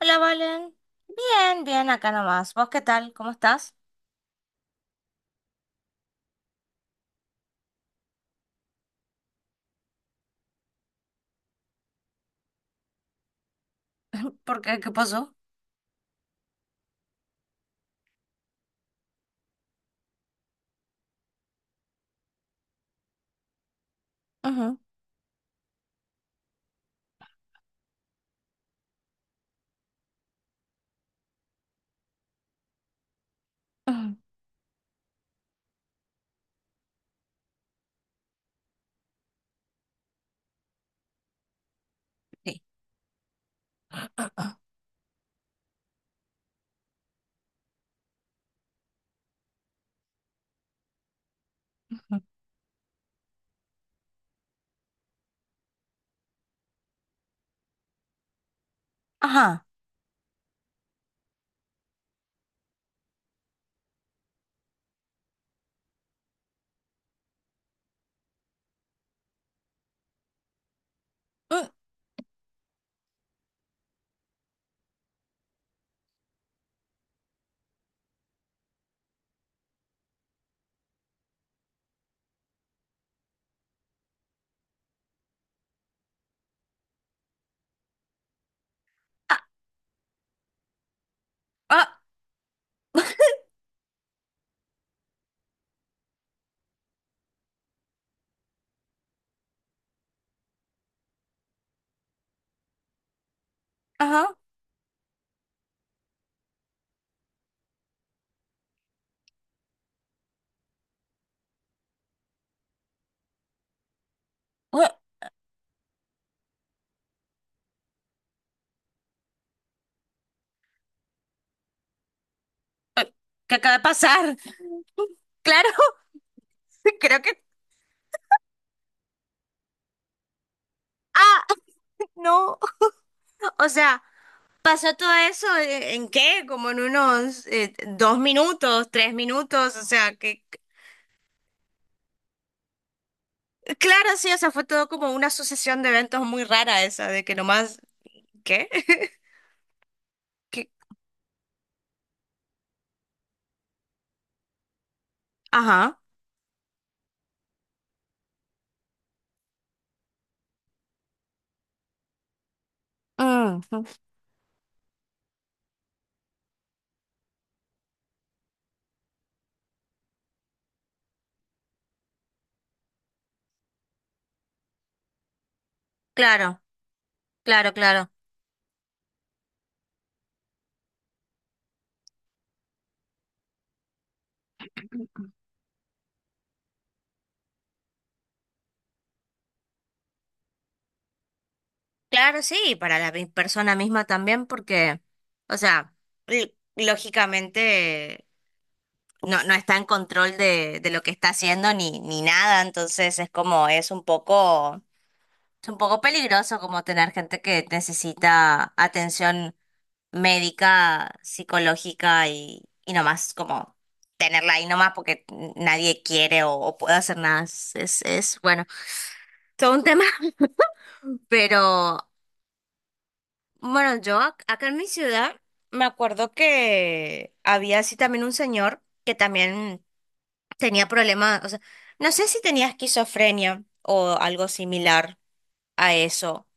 Hola, Valen. Bien, bien, acá nomás. ¿Vos qué tal? ¿Cómo estás? ¿Por qué? ¿Qué pasó? Ujú, ujú, sí, ujú. Ajá. Mm, ah, ah, ajá. Ue, eh, ¿qué acaba de pasar? Claro, creo que... Ah, no. O sea, pasó todo eso ¿en qué? Como en unos dos minutos, tres minutos. Claro, sí, o sea, fue todo como una sucesión de eventos muy rara esa, ¿Qué? ¿Qué? Ajá. Mm, ujú. Claro. Claro, claro. Claro, sí, y para la persona misma también, porque, o sea, lógicamente no, no está en control de lo que está haciendo ni, ni nada, entonces es como, es un poco peligroso como tener gente que necesita atención médica, psicológica y nomás como tenerla ahí nomás porque nadie quiere o puede hacer nada. Es, bueno, todo un tema, pero. Bueno, yo acá en mi ciudad me acuerdo que había así también un señor que también tenía problemas, o sea, no sé si tenía esquizofrenia o algo similar a eso,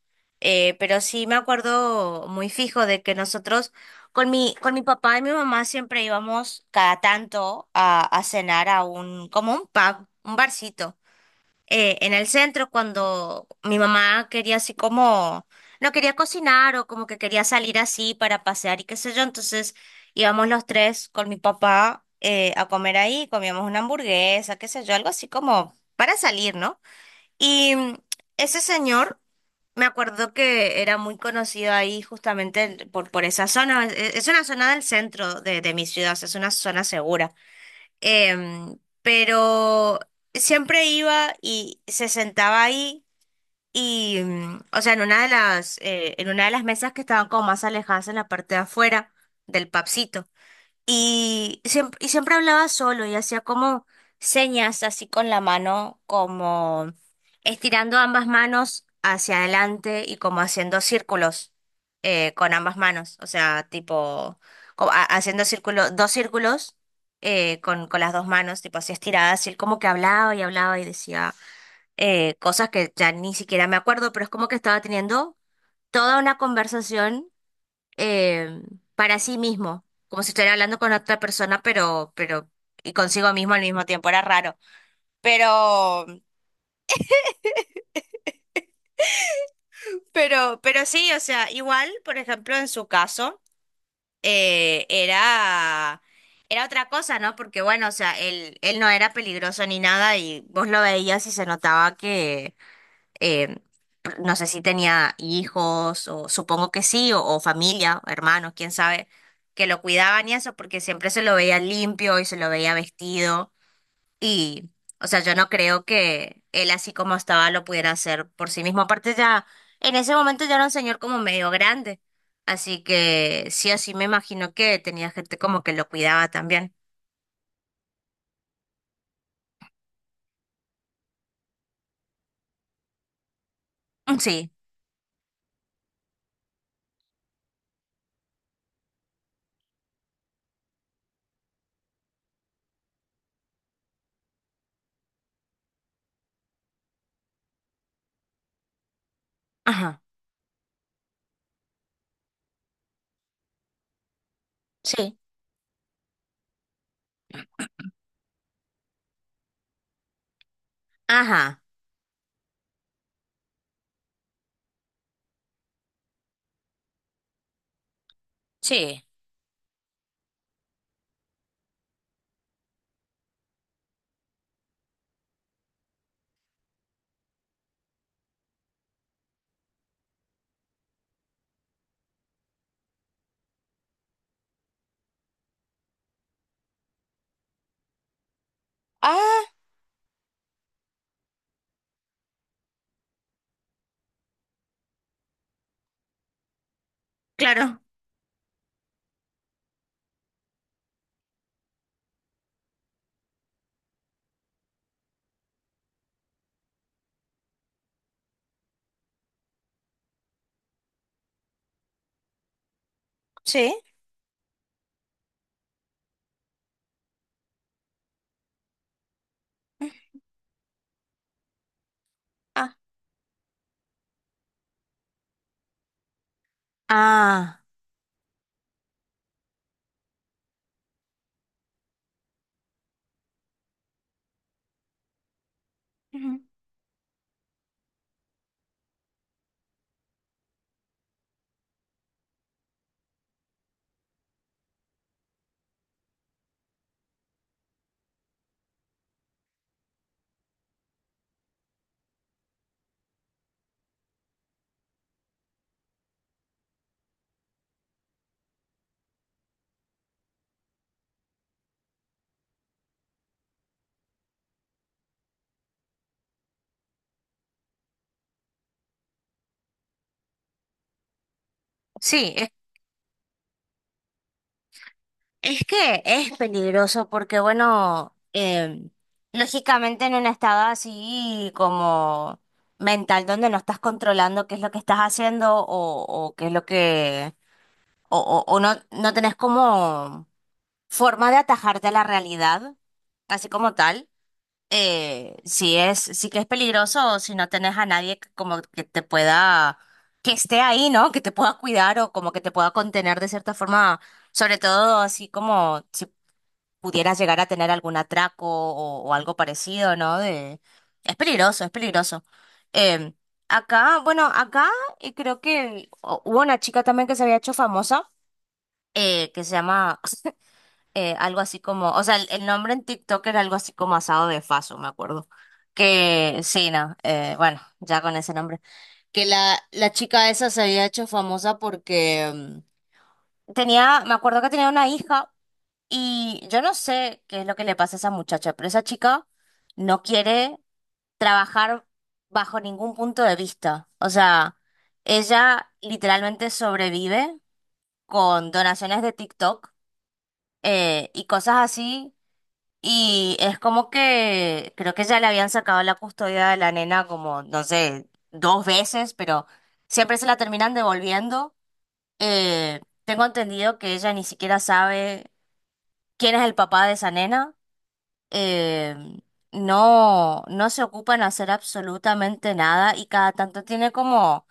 pero sí me acuerdo muy fijo de que nosotros con mi papá y mi mamá siempre íbamos cada tanto a cenar a un, como un pub, un barcito en el centro cuando mi mamá quería así como, no quería cocinar o como que quería salir así para pasear y qué sé yo, entonces íbamos los tres con mi papá a comer ahí, comíamos una hamburguesa, qué sé yo, algo así como para salir, ¿no? Y ese señor... Me acuerdo que era muy conocido ahí justamente por esa zona. Es una zona del centro de mi ciudad, o sea, es una zona segura. Pero siempre iba y se sentaba ahí y, o sea, en una de las, en una de las mesas que estaban como más alejadas en la parte de afuera del papsito. Y siempre hablaba solo y hacía como señas así con la mano, como estirando ambas manos hacia adelante y como haciendo círculos con ambas manos. O sea, tipo, haciendo círculo, dos círculos con las dos manos, tipo así estiradas. Y él como que hablaba y hablaba y decía cosas que ya ni siquiera me acuerdo, pero es como que estaba teniendo toda una conversación eh, para sí mismo, como si estuviera hablando con otra persona, pero, y consigo mismo al mismo tiempo, era raro. Pero, pero sí, o sea, igual, por ejemplo, en su caso, era, era otra cosa, ¿no? Porque bueno, o sea, él no era peligroso ni nada y vos lo veías y se notaba que eh, no sé si tenía hijos, o supongo que sí, o familia, o hermanos, quién sabe, que lo cuidaban y eso, porque siempre se lo veía limpio y se lo veía vestido. Y, o sea, yo no creo que él así como estaba lo pudiera hacer por sí mismo. Aparte ya, en ese momento ya era un señor como medio grande. Así que sí o sí me imagino que tenía gente como que lo cuidaba también. Sí, ajá, sí, ajá, sí. Ah, claro, sí. Ah, ujú, sí, es que es peligroso porque, bueno, lógicamente en un estado así como mental donde no estás controlando qué es lo que estás haciendo o qué es lo que, o no, no tenés como forma de atajarte a la realidad, así como tal. Sí es, sí que es peligroso si no tenés a nadie que como que te pueda, que esté ahí, ¿no? Que te pueda cuidar o como que te pueda contener de cierta forma, sobre todo así como si pudieras llegar a tener algún atraco o algo parecido, ¿no? De, es peligroso, es peligroso. Em, acá, bueno, acá creo que hubo una chica también que se había hecho famosa, que se llama, algo así como, o sea, el nombre en TikTok era algo así como asado de faso, me acuerdo. Que sí, no, bueno, ya con ese nombre. Que la chica esa se había hecho famosa porque tenía, me acuerdo que tenía una hija y yo no sé qué es lo que le pasa a esa muchacha, pero esa chica no quiere trabajar bajo ningún punto de vista. O sea, ella literalmente sobrevive con donaciones de TikTok y cosas así y es como que creo que ya le habían sacado la custodia de la nena como, no sé, 2 veces, pero siempre se la terminan devolviendo. Tengo entendido que ella ni siquiera sabe quién es el papá de esa nena. Eh, no, no se ocupan en hacer absolutamente nada y cada tanto tiene como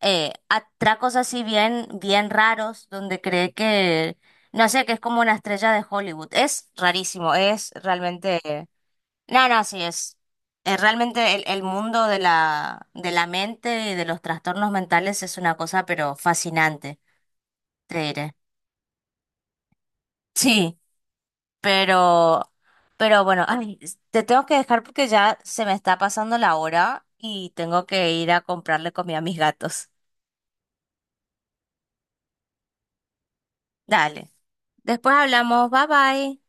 atracos así bien, bien raros donde cree que, no sé, que es como una estrella de Hollywood. Es rarísimo, es realmente... No, no, sí es. Realmente el mundo de la mente y de los trastornos mentales es una cosa, pero fascinante, te diré. Sí, pero, pero bueno, ay, te tengo que dejar porque ya se me está pasando la hora y tengo que ir a comprarle comida a mis gatos. Dale. Después hablamos. Bye bye.